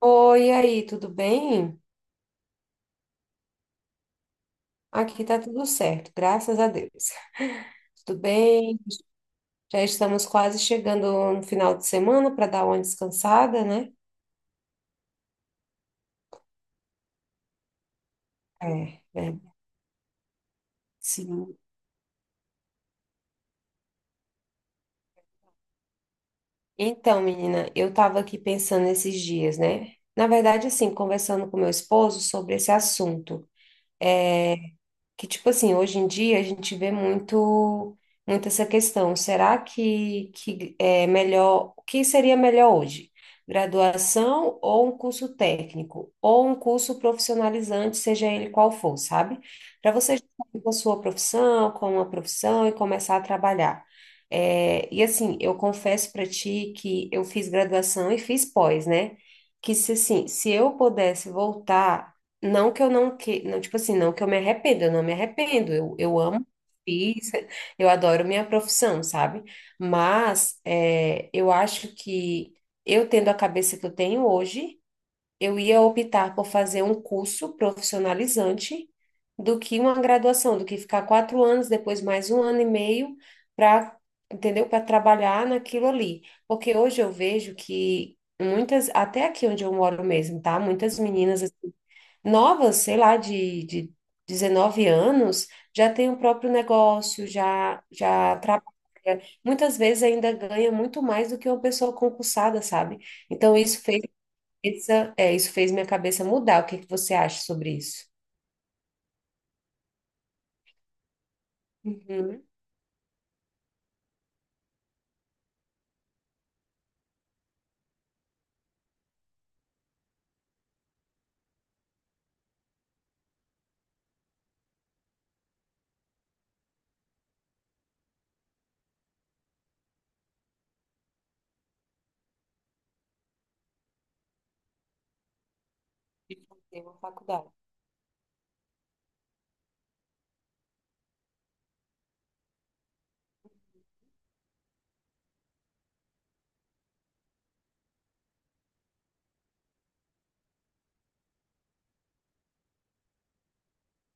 Oi, e aí, tudo bem? Aqui tá tudo certo, graças a Deus. Tudo bem? Já estamos quase chegando no final de semana para dar uma descansada, né? É, é, sim. Então, menina, eu tava aqui pensando esses dias, né? Na verdade, assim, conversando com meu esposo sobre esse assunto. é, que tipo assim, hoje em dia a gente vê muito muito essa questão. Será que é melhor, o que seria melhor hoje? Graduação ou um curso técnico, ou um curso profissionalizante, seja ele qual for, sabe? Para você já sair com a sua profissão, com uma profissão e começar a trabalhar. É, e assim, eu confesso para ti que eu fiz graduação e fiz pós, né? Que se assim, se eu pudesse voltar não que eu não que, não, tipo assim, não que eu me arrependo, eu não me arrependo, eu amo, o que eu fiz, eu adoro minha profissão, sabe? Mas eu acho que eu tendo a cabeça que eu tenho hoje, eu ia optar por fazer um curso profissionalizante do que uma graduação, do que ficar 4 anos, depois mais um ano e meio para, entendeu? Para trabalhar naquilo ali. Porque hoje eu vejo que muitas, até aqui onde eu moro mesmo, tá? Muitas meninas novas, sei lá, de 19 anos, já tem o próprio negócio, já, já trabalha. Muitas vezes ainda ganha muito mais do que uma pessoa concursada, sabe? Então, isso fez minha cabeça mudar. O que que você acha sobre isso? Uhum. De fazer uma faculdade.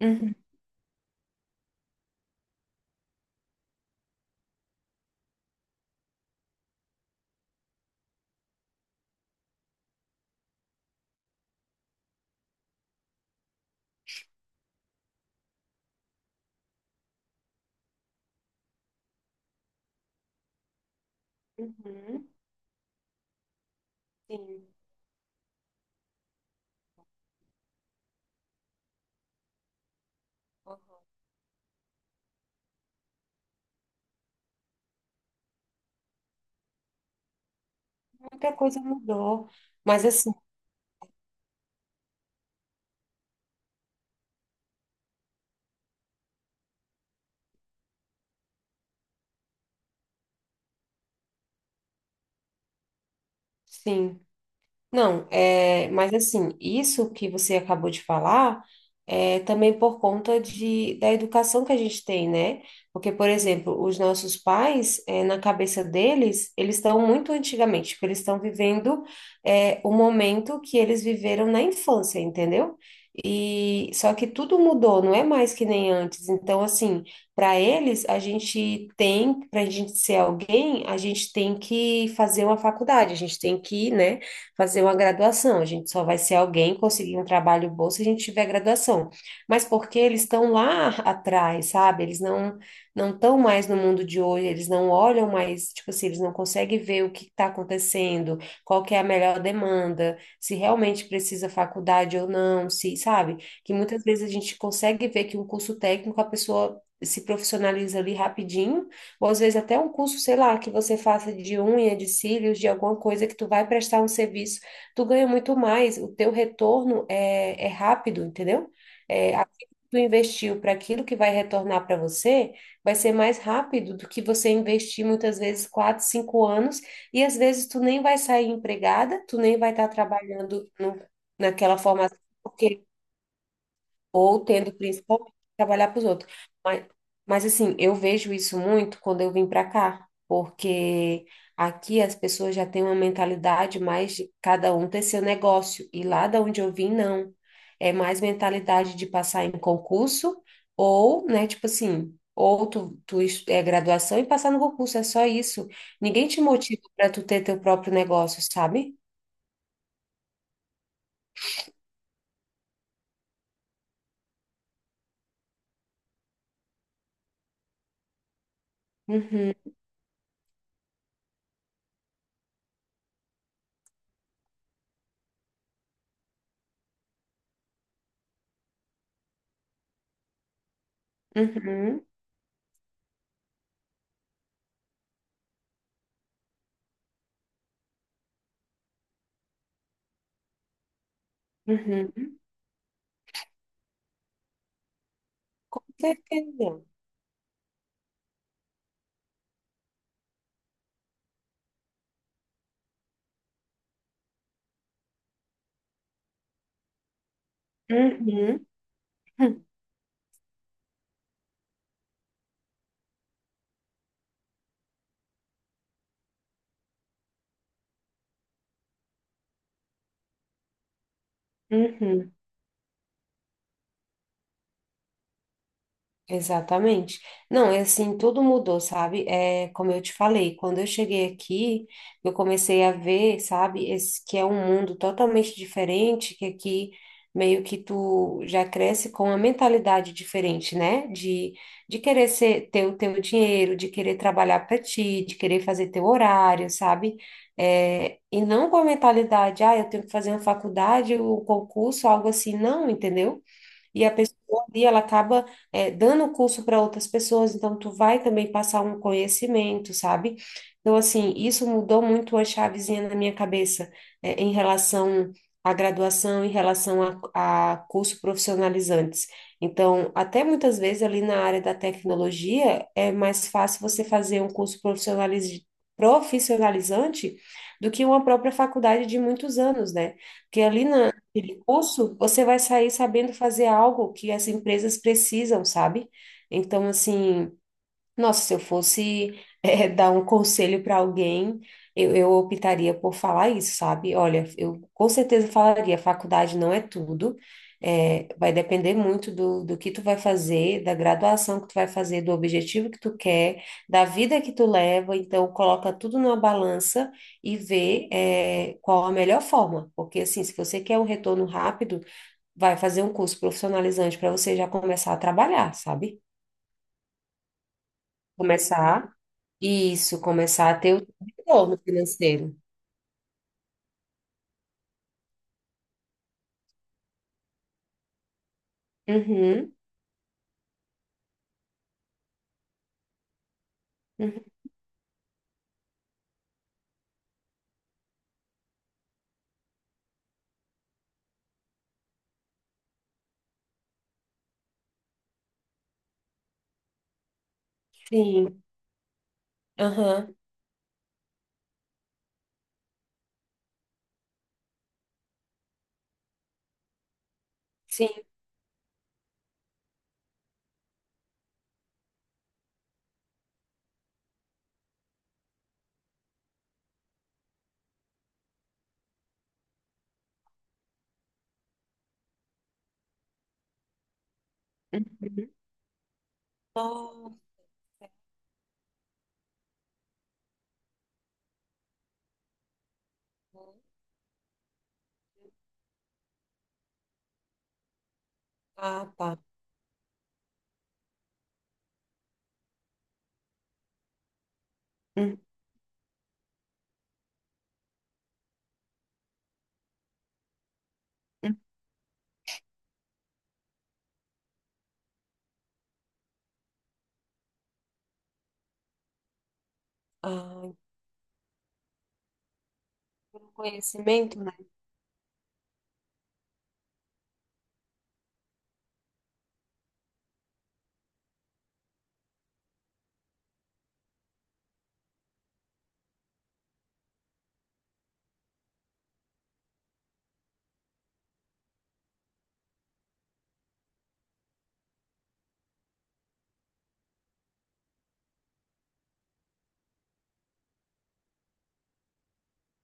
Uhum. Uhum. Sim. Uhum. Muita coisa mudou. Mas assim, sim. Não, mas assim, isso que você acabou de falar é também por conta da educação que a gente tem, né? Porque, por exemplo, os nossos pais, na cabeça deles, eles estão muito antigamente, tipo, eles estão vivendo o momento que eles viveram na infância, entendeu? E só que tudo mudou, não é mais que nem antes. Então, assim, para eles, a gente tem, para a gente ser alguém, a gente tem que fazer uma faculdade, a gente tem que, né? Fazer uma graduação. A gente só vai ser alguém conseguir um trabalho bom se a gente tiver graduação. Mas porque eles estão lá atrás, sabe? Eles não não estão mais no mundo de hoje, eles não olham mais, tipo assim, eles não conseguem ver o que está acontecendo, qual que é a melhor demanda, se realmente precisa faculdade ou não, se, sabe? Que muitas vezes a gente consegue ver que um curso técnico a pessoa se profissionaliza ali rapidinho ou às vezes até um curso, sei lá, que você faça de unha, de cílios, de alguma coisa que tu vai prestar um serviço, tu ganha muito mais, o teu retorno é rápido, entendeu? É, aquilo que tu investiu para aquilo que vai retornar para você vai ser mais rápido do que você investir muitas vezes 4, 5 anos, e às vezes tu nem vai sair empregada, tu nem vai estar trabalhando no, naquela formação. Porque ou tendo principalmente que trabalhar para os outros. Mas, mas assim, eu vejo isso muito quando eu vim para cá, porque aqui as pessoas já têm uma mentalidade mais de cada um ter seu negócio, e lá da onde eu vim, não. É mais mentalidade de passar em concurso, ou, né, tipo assim, ou tu é graduação e passar no concurso, é só isso. Ninguém te motiva para tu ter teu próprio negócio, sabe? Uhum, uhum, uhum. Com certeza. Uhum. Uhum, exatamente. Não, é assim, tudo mudou, sabe? É, como eu te falei, quando eu cheguei aqui, eu comecei a ver, sabe, esse que é um mundo totalmente diferente, que aqui meio que tu já cresce com uma mentalidade diferente, né? De querer ser, ter o teu dinheiro, de querer trabalhar para ti, de querer fazer teu horário, sabe? É, e não com a mentalidade, ah, eu tenho que fazer uma faculdade, um concurso, algo assim, não, entendeu? E a pessoa ali, ela acaba dando curso para outras pessoas, então tu vai também passar um conhecimento, sabe? Então, assim, isso mudou muito a chavezinha na minha cabeça em relação à graduação, em relação a curso profissionalizantes. Então, até muitas vezes ali na área da tecnologia, é mais fácil você fazer um curso profissionalizante do que uma própria faculdade de muitos anos, né? Porque ali na aquele curso, você vai sair sabendo fazer algo que as empresas precisam, sabe? Então, assim. Nossa, se eu fosse, dar um conselho para alguém, eu optaria por falar isso, sabe? Olha, eu com certeza falaria, faculdade não é tudo, vai depender muito do que tu vai fazer, da graduação que tu vai fazer, do objetivo que tu quer, da vida que tu leva, então coloca tudo numa balança e vê, qual a melhor forma, porque assim, se você quer um retorno rápido, vai fazer um curso profissionalizante para você já começar a trabalhar, sabe? Começar isso, começar a ter o retorno financeiro. Uhum, uhum, sim, aham, sim. Uhum. Oh, ah, tá. Uhum. Ah, então, conhecimento.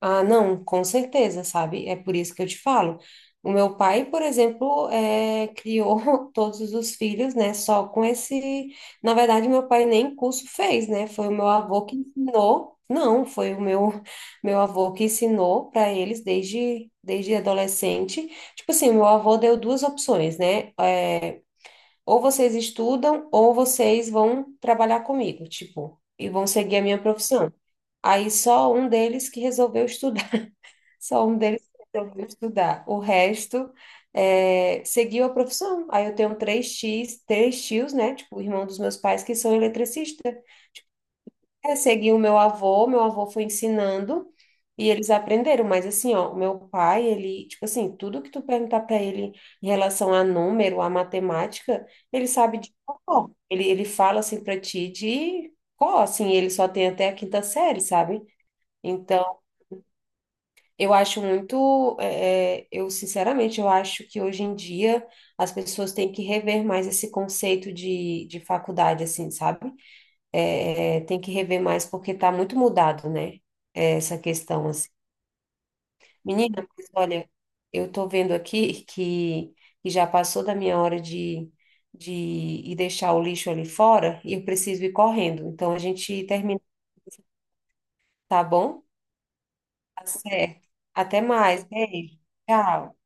Ah, não, com certeza, sabe? É por isso que eu te falo. O meu pai, por exemplo, criou todos os filhos, né? Só com esse. Na verdade, meu pai nem curso fez, né? Foi o meu avô que ensinou. Não, foi o meu, meu avô que ensinou para eles desde adolescente. Tipo assim, meu avô deu duas opções, né? Ou vocês estudam, ou vocês vão trabalhar comigo, tipo, e vão seguir a minha profissão. Aí só um deles que resolveu estudar. Só um deles resolveu estudar. O resto é, seguiu a profissão. Aí eu tenho três tios, né? Tipo, o irmão dos meus pais que são eletricistas. É, segui o meu avô foi ensinando e eles aprenderam. Mas assim, ó, o meu pai, ele, tipo assim, tudo que tu perguntar para ele em relação a número, a matemática, ele sabe de cor. Ele fala assim para ti de cor, assim, ele só tem até a quinta série, sabe? Então eu acho muito, eu sinceramente, eu acho que hoje em dia as pessoas têm que rever mais esse conceito de faculdade, assim, sabe? Tem que rever mais porque está muito mudado, né? Essa questão, assim. Menina, mas olha, eu tô vendo aqui que já passou da minha hora de ir deixar o lixo ali fora e eu preciso ir correndo. Então a gente termina, tá bom? Tá certo. Até mais, beijo. Tchau.